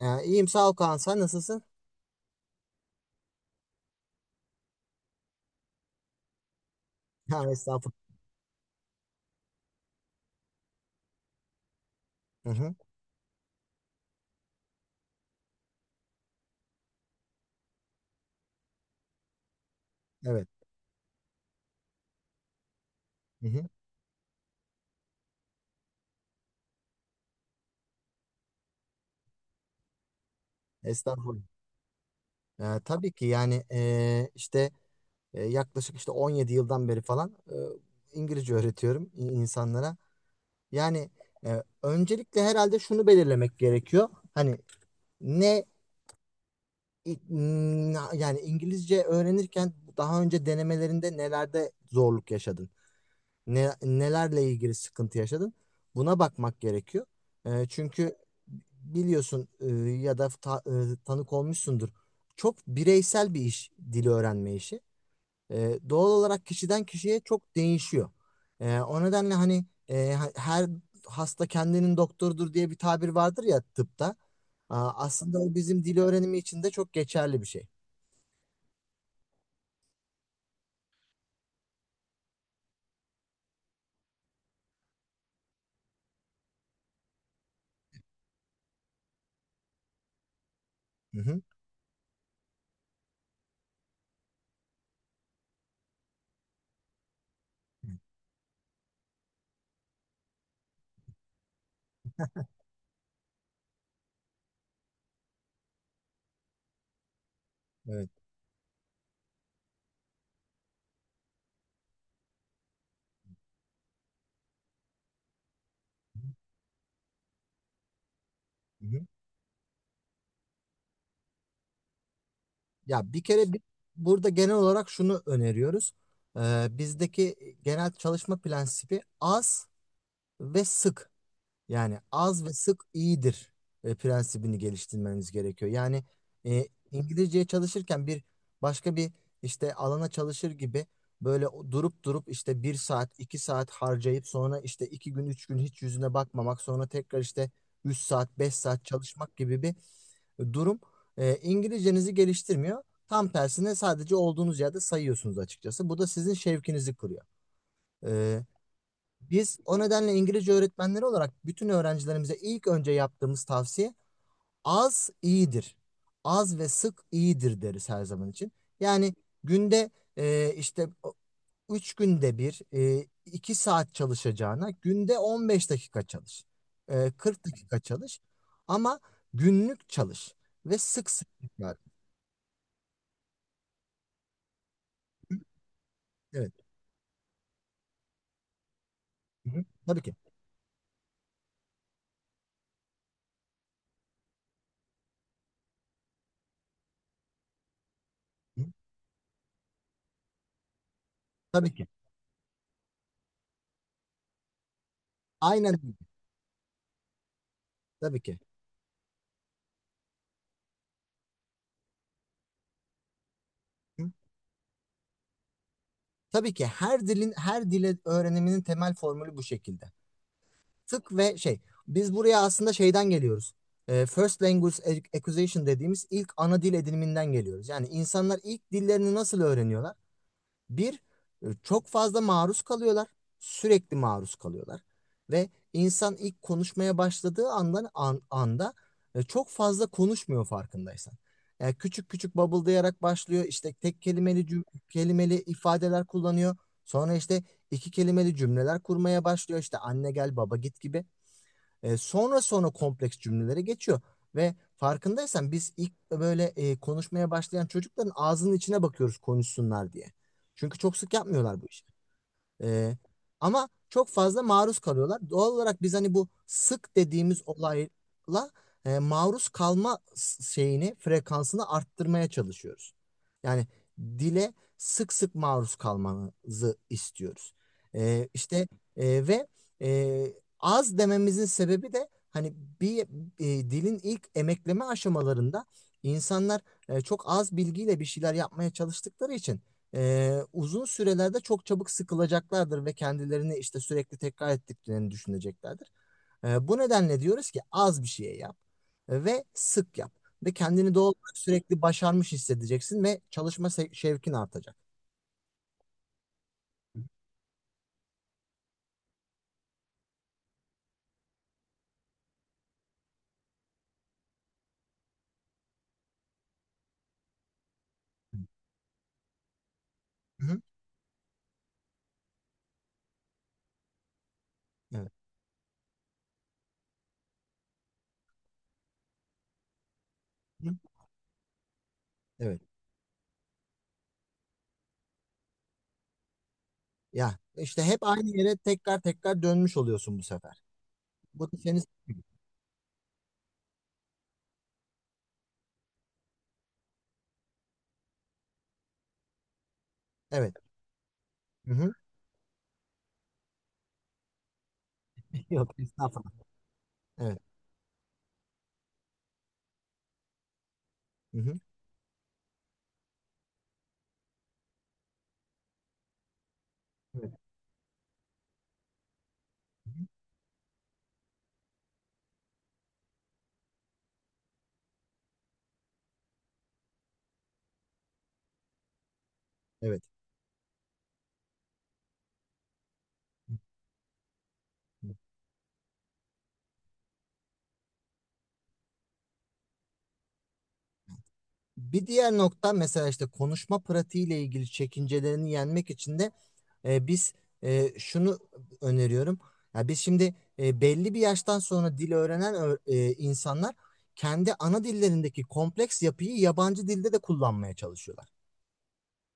Ha, iyiyim sağ ol Kaan. Sen nasılsın? Ha, estağfurullah. Hı hı. Evet. Hı hı. Estağfurullah. Tabii ki yani işte yaklaşık işte 17 yıldan beri falan İngilizce öğretiyorum insanlara. Yani öncelikle herhalde şunu belirlemek gerekiyor. Hani ne yani İngilizce öğrenirken daha önce denemelerinde nelerde zorluk yaşadın? Ne, nelerle ilgili sıkıntı yaşadın? Buna bakmak gerekiyor. Çünkü biliyorsun ya da tanık olmuşsundur. Çok bireysel bir iş, dili öğrenme işi. Doğal olarak kişiden kişiye çok değişiyor. O nedenle hani her hasta kendinin doktorudur diye bir tabir vardır ya tıpta. Aslında o bizim dil öğrenimi için de çok geçerli bir şey. Hı hı. Evet. Hı hı. Ya bir kere burada genel olarak şunu öneriyoruz. Bizdeki genel çalışma prensibi az ve sık. Yani az ve sık iyidir prensibini geliştirmeniz gerekiyor. Yani e, İngilizceye çalışırken bir başka bir işte alana çalışır gibi böyle durup durup işte bir saat iki saat harcayıp sonra işte iki gün üç gün hiç yüzüne bakmamak sonra tekrar işte üç saat beş saat çalışmak gibi bir durum İngilizcenizi geliştirmiyor. Tam tersine sadece olduğunuz yerde sayıyorsunuz açıkçası. Bu da sizin şevkinizi kırıyor. E, Biz o nedenle İngilizce öğretmenleri olarak bütün öğrencilerimize ilk önce yaptığımız tavsiye az iyidir. Az ve sık iyidir deriz her zaman için. Yani günde işte 3 günde bir 2 saat çalışacağına günde 15 dakika çalış. 40 dakika çalış ama günlük çalış ve sık sık tekrar. Evet. Hı hı. Tabii ki. Hı. Tabii ki. Aynen öyle. Tabii ki. Hı. Tabii ki her dile öğreniminin temel formülü bu şekilde. Tık ve şey. Biz buraya aslında şeyden geliyoruz. First Language Acquisition dediğimiz ilk ana dil ediniminden geliyoruz. Yani insanlar ilk dillerini nasıl öğreniyorlar? Bir, çok fazla maruz kalıyorlar. Sürekli maruz kalıyorlar. Ve insan ilk konuşmaya başladığı anda çok fazla konuşmuyor farkındaysan. Yani küçük küçük babıldayarak başlıyor. İşte tek kelimeli kelimeli ifadeler kullanıyor. Sonra işte iki kelimeli cümleler kurmaya başlıyor. İşte anne gel baba git gibi. Sonra sonra kompleks cümlelere geçiyor. Ve farkındaysan biz ilk böyle konuşmaya başlayan çocukların ağzının içine bakıyoruz konuşsunlar diye. Çünkü çok sık yapmıyorlar bu işi. Ee, Ama çok fazla maruz kalıyorlar. Doğal olarak biz hani bu sık dediğimiz olayla maruz kalma şeyini, frekansını arttırmaya çalışıyoruz. Yani dile sık sık maruz kalmanızı istiyoruz. İşte ve e, az dememizin sebebi de hani bir dilin ilk emekleme aşamalarında insanlar çok az bilgiyle bir şeyler yapmaya çalıştıkları için uzun sürelerde çok çabuk sıkılacaklardır ve kendilerini işte sürekli tekrar ettiklerini düşüneceklerdir. Bu nedenle diyoruz ki az bir şeye yap ve sık yap ve kendini doğal olarak sürekli başarmış hissedeceksin ve çalışma şevkin artacak. Hı hı. Evet. Hı. Evet. Ya işte hep aynı yere tekrar tekrar dönmüş oluyorsun bu sefer. Bu da seni sıkıyor. Evet. Hı hı. Yok estağfurullah. Evet. Hı hı. Evet. Hı hı. Evet. Bir diğer nokta mesela işte konuşma pratiğiyle ilgili çekincelerini yenmek için de biz şunu öneriyorum. Ya biz şimdi belli bir yaştan sonra dil öğrenen insanlar kendi ana dillerindeki kompleks yapıyı yabancı dilde de kullanmaya çalışıyorlar.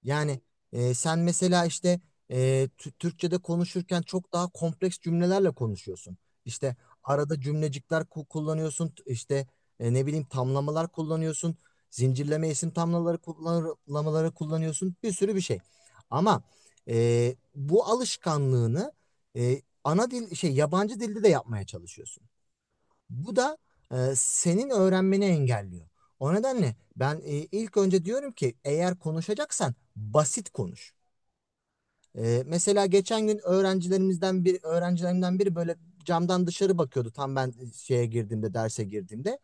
Yani sen mesela işte e, Türkçe'de konuşurken çok daha kompleks cümlelerle konuşuyorsun. İşte arada cümlecikler kullanıyorsun, işte ne bileyim tamlamalar kullanıyorsun, zincirleme isim tamlamaları kullanıyorsun, bir sürü bir şey. Ama bu alışkanlığını e, ana dil şey yabancı dilde de yapmaya çalışıyorsun. Bu da senin öğrenmeni engelliyor. O nedenle ben ilk önce diyorum ki eğer konuşacaksan basit konuş. Mesela geçen gün öğrencilerimizden bir öğrencilerimden biri böyle camdan dışarı bakıyordu tam ben e, şeye girdiğimde derse girdiğimde.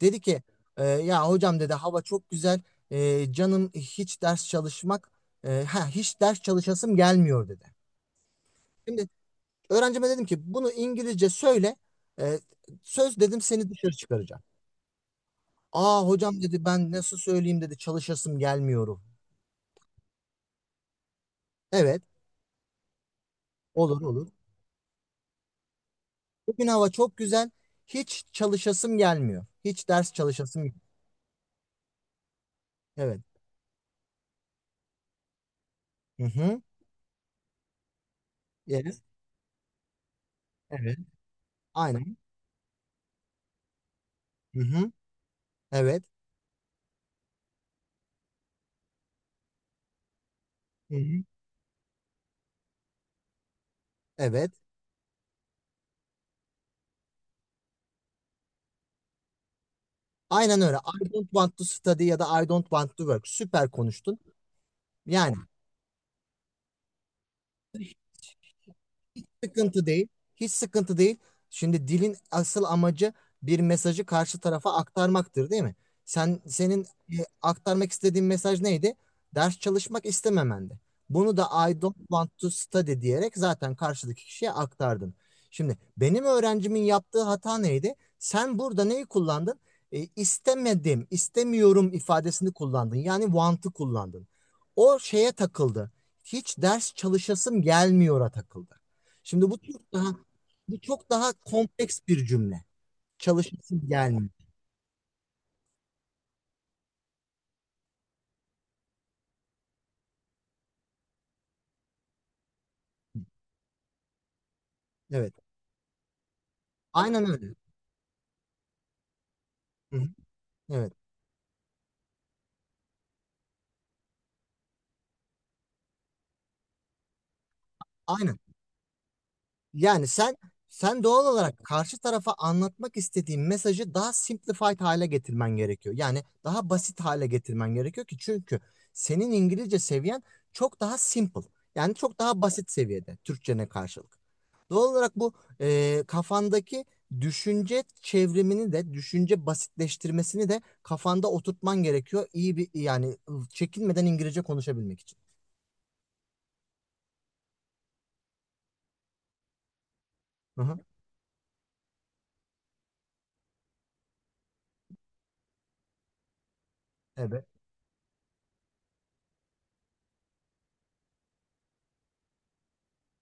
Dedi ki ya hocam dedi hava çok güzel. Canım hiç ders çalışmak e, ha hiç ders çalışasım gelmiyor dedi. Şimdi öğrencime dedim ki bunu İngilizce söyle e, söz dedim seni dışarı çıkaracağım. Hocam dedi ben nasıl söyleyeyim dedi çalışasım gelmiyorum. Evet, olur olur. Bugün hava çok güzel. Hiç çalışasım gelmiyor. Hiç ders çalışasım yok. Evet. Hı hı. Yes. Evet. Aynen. Hı hı. Evet. Hı hı. Evet. Aynen öyle. I don't want to study ya da I don't want to work. Süper konuştun. Yani hiç sıkıntı değil. Hiç sıkıntı değil. Şimdi dilin asıl amacı bir mesajı karşı tarafa aktarmaktır, değil mi? Senin e, aktarmak istediğin mesaj neydi? Ders çalışmak istememendi. Bunu da I don't want to study diyerek zaten karşıdaki kişiye aktardın. Şimdi benim öğrencimin yaptığı hata neydi? Sen burada neyi kullandın? İstemedim, istemiyorum ifadesini kullandın. Yani want'ı kullandın. O şeye takıldı. Hiç ders çalışasım gelmiyor'a takıldı. Şimdi bu çok daha kompleks bir cümle. Çalışması gelmiyor. Evet. Aynen öyle. Hı hı. Evet. Aynen. Yani sen doğal olarak karşı tarafa anlatmak istediğin mesajı daha simplified hale getirmen gerekiyor. Yani daha basit hale getirmen gerekiyor ki çünkü senin İngilizce seviyen çok daha simple. Yani çok daha basit seviyede Türkçene karşılık. Doğal olarak bu kafandaki düşünce çevrimini de düşünce basitleştirmesini de kafanda oturtman gerekiyor. İyi bir yani çekinmeden İngilizce konuşabilmek için. Hı hı, evet,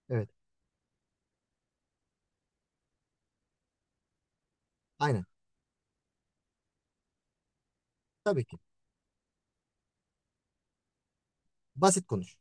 evet. Aynen. Tabii ki. Basit konuş.